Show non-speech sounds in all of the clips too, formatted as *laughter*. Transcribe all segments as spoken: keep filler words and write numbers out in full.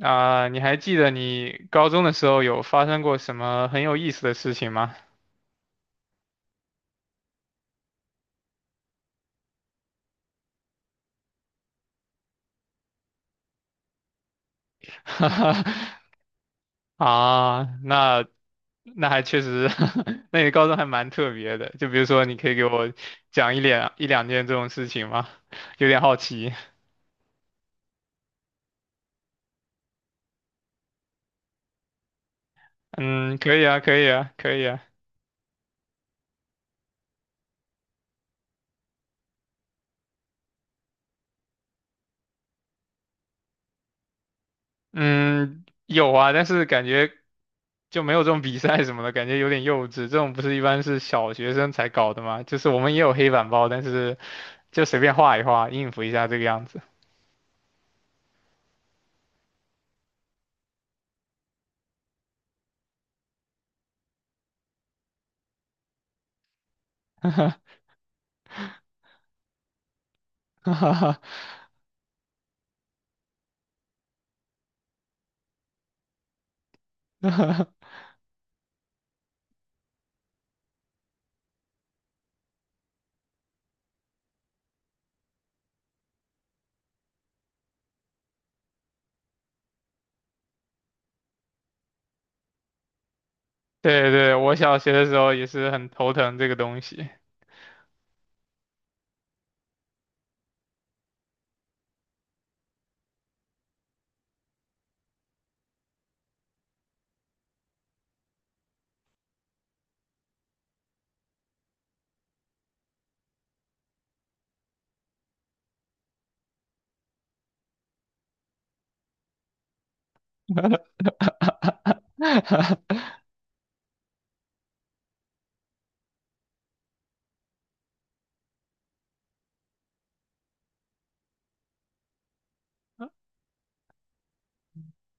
啊、你还记得你高中的时候有发生过什么很有意思的事情吗？*laughs* 啊，那那还确实，*laughs* 那你高中还蛮特别的。就比如说，你可以给我讲一两一两件这种事情吗？*laughs* 有点好奇。嗯，可以啊，可以啊，可以啊。嗯，有啊，但是感觉就没有这种比赛什么的，感觉有点幼稚。这种不是一般是小学生才搞的吗？就是我们也有黑板报，但是就随便画一画，应付一下这个样子。*laughs* 哈哈哈哈哈，*laughs* 对对，我小学的时候也是很头疼这个东西。*laughs*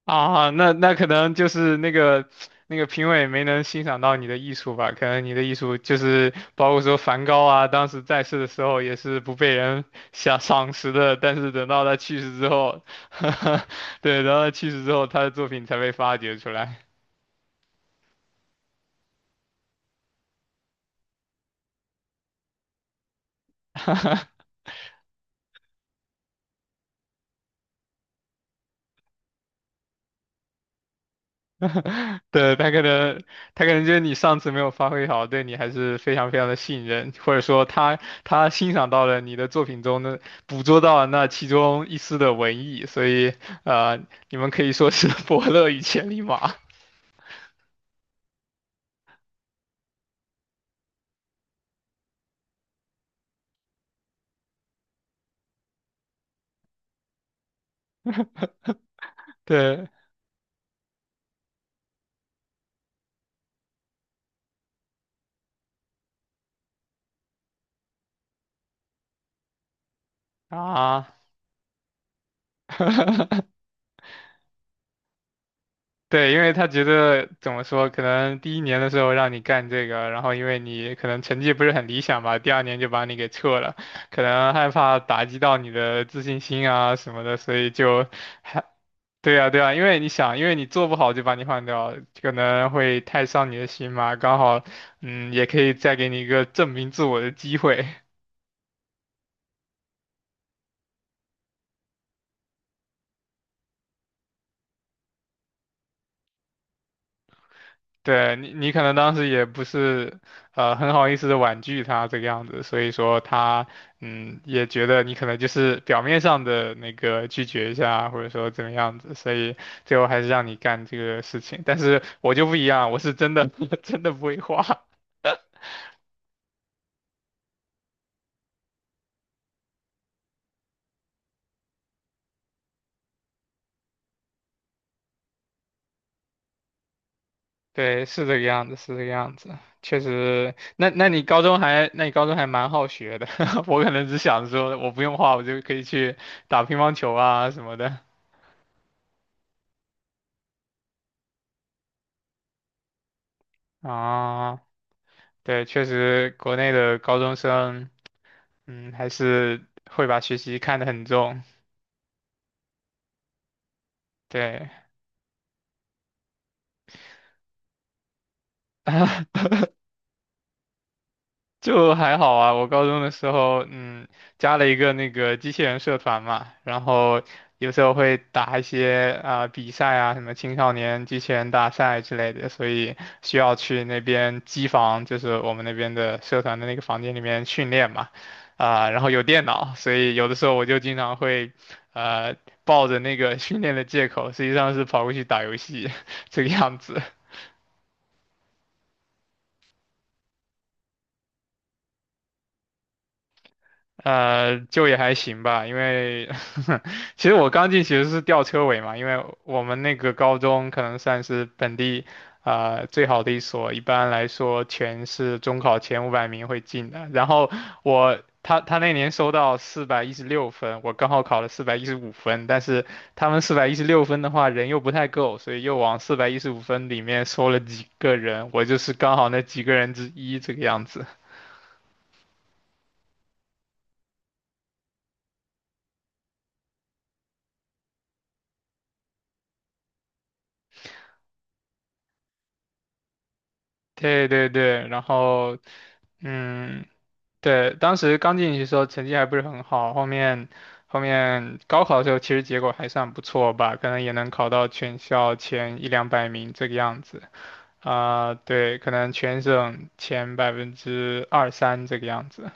啊，那那可能就是那个那个评委没能欣赏到你的艺术吧？可能你的艺术就是包括说梵高啊，当时在世的时候也是不被人赏赏识的，但是等到他去世之后，*laughs* 对，等到他去世之后，他的作品才被发掘出来。*laughs* *laughs* 对，他可能他可能觉得你上次没有发挥好，对你还是非常非常的信任，或者说他他欣赏到了你的作品中的捕捉到了那其中一丝的文艺，所以呃，你们可以说是 *laughs* 伯乐与千里马。对啊，*laughs* 对，因为他觉得怎么说，可能第一年的时候让你干这个，然后因为你可能成绩不是很理想吧，第二年就把你给撤了，可能害怕打击到你的自信心啊什么的，所以就还对呀对啊，因为你想，因为你做不好就把你换掉，可能会太伤你的心嘛，刚好嗯也可以再给你一个证明自我的机会。对你，你可能当时也不是呃很好意思的婉拒他这个样子，所以说他嗯也觉得你可能就是表面上的那个拒绝一下，或者说怎么样子，所以最后还是让你干这个事情。但是我就不一样，我是真的 *laughs* 真的不会画。对，是这个样子，是这个样子，确实。那那你高中还那你高中还蛮好学的，*laughs* 我可能只想说我不用画，我就可以去打乒乓球啊什么的啊。哦对，确实国内的高中生，嗯，还是会把学习看得很重。对，*laughs* 就还好啊，我高中的时候，嗯，加了一个那个机器人社团嘛，然后有时候会打一些啊、呃比赛啊，什么青少年机器人大赛之类的，所以需要去那边机房，就是我们那边的社团的那个房间里面训练嘛，啊、然后有电脑，所以有的时候我就经常会，呃，抱着那个训练的借口，实际上是跑过去打游戏 *laughs*，这个样子。呃，就也还行吧，因为 *laughs* 其实我刚进其实是吊车尾嘛，因为我们那个高中可能算是本地呃最好的一所，一般来说全是中考前五百名会进的。然后我他他那年收到四百一十六分，我刚好考了四百一十五分，但是他们四百一十六分的话人又不太够，所以又往四百一十五分里面收了几个人，我就是刚好那几个人之一这个样子。对对对，然后嗯，对，当时刚进去的时候成绩还不是很好，后面后面高考的时候其实结果还算不错吧，可能也能考到全校前一两百名这个样子啊，对，可能全省前百分之二三这个样子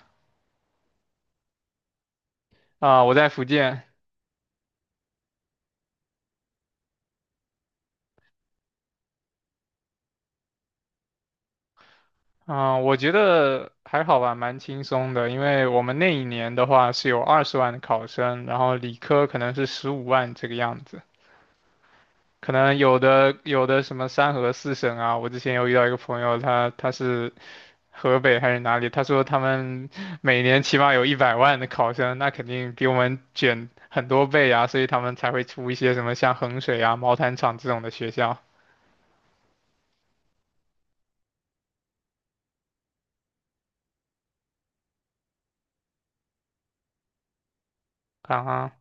啊，我在福建。啊，我觉得还好吧，蛮轻松的。因为我们那一年的话是有二十万的考生，然后理科可能是十五万这个样子。可能有的有的什么三河四省啊，我之前有遇到一个朋友，他他是河北还是哪里，他说他们 *laughs* 每年起码有一百万的考生，那肯定比我们卷很多倍啊，所以他们才会出一些什么像衡水啊、毛坦厂这种的学校啊。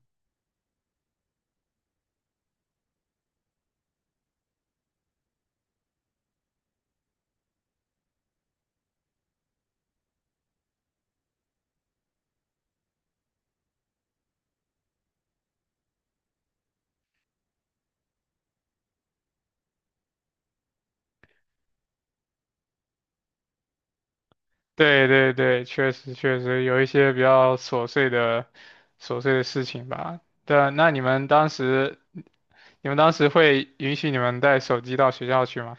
对对对，确实确实有一些比较琐碎的琐碎的事情吧。对啊，那你们当时你们当时会允许你们带手机到学校去吗？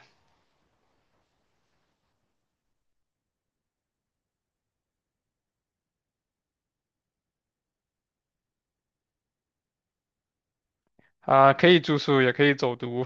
啊、可以住宿，也可以走读。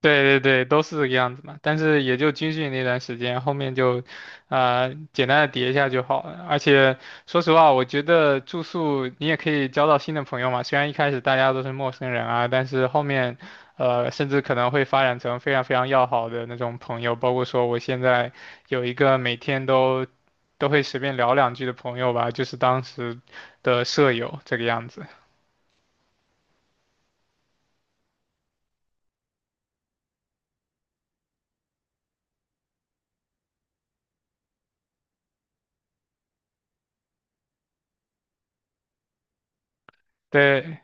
对对对，都是这个样子嘛。但是也就军训那段时间，后面就，啊，简单的叠一下就好了。而且说实话，我觉得住宿你也可以交到新的朋友嘛。虽然一开始大家都是陌生人啊，但是后面，呃，甚至可能会发展成非常非常要好的那种朋友。包括说我现在有一个每天都都会随便聊两句的朋友吧，就是当时的舍友这个样子。对，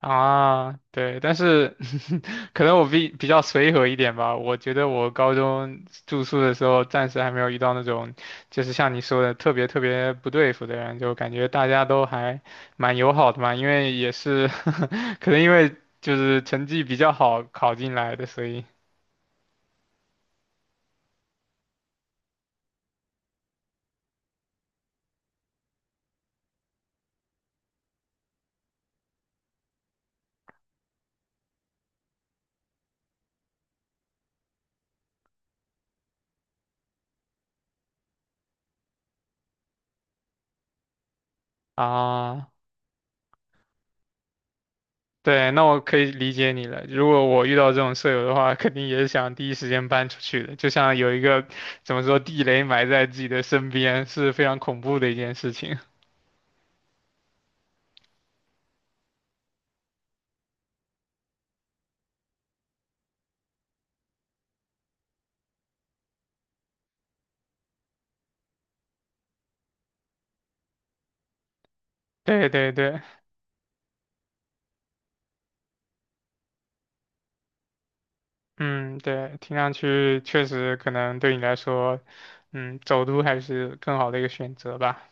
啊，对，但是 *laughs* 可能我比比较随和一点吧。我觉得我高中住宿的时候，暂时还没有遇到那种，就是像你说的特别特别不对付的人，就感觉大家都还蛮友好的嘛。因为也是 *laughs* 可能因为就是成绩比较好考进来的，所以啊。对，那我可以理解你了。如果我遇到这种舍友的话，肯定也是想第一时间搬出去的。就像有一个怎么说地雷埋在自己的身边，是非常恐怖的一件事情。对对对，嗯，对，听上去确实可能对你来说，嗯，走读还是更好的一个选择吧。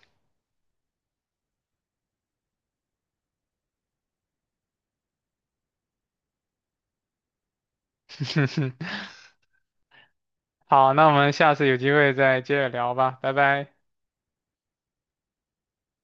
*laughs* 好，那我们下次有机会再接着聊吧，拜拜。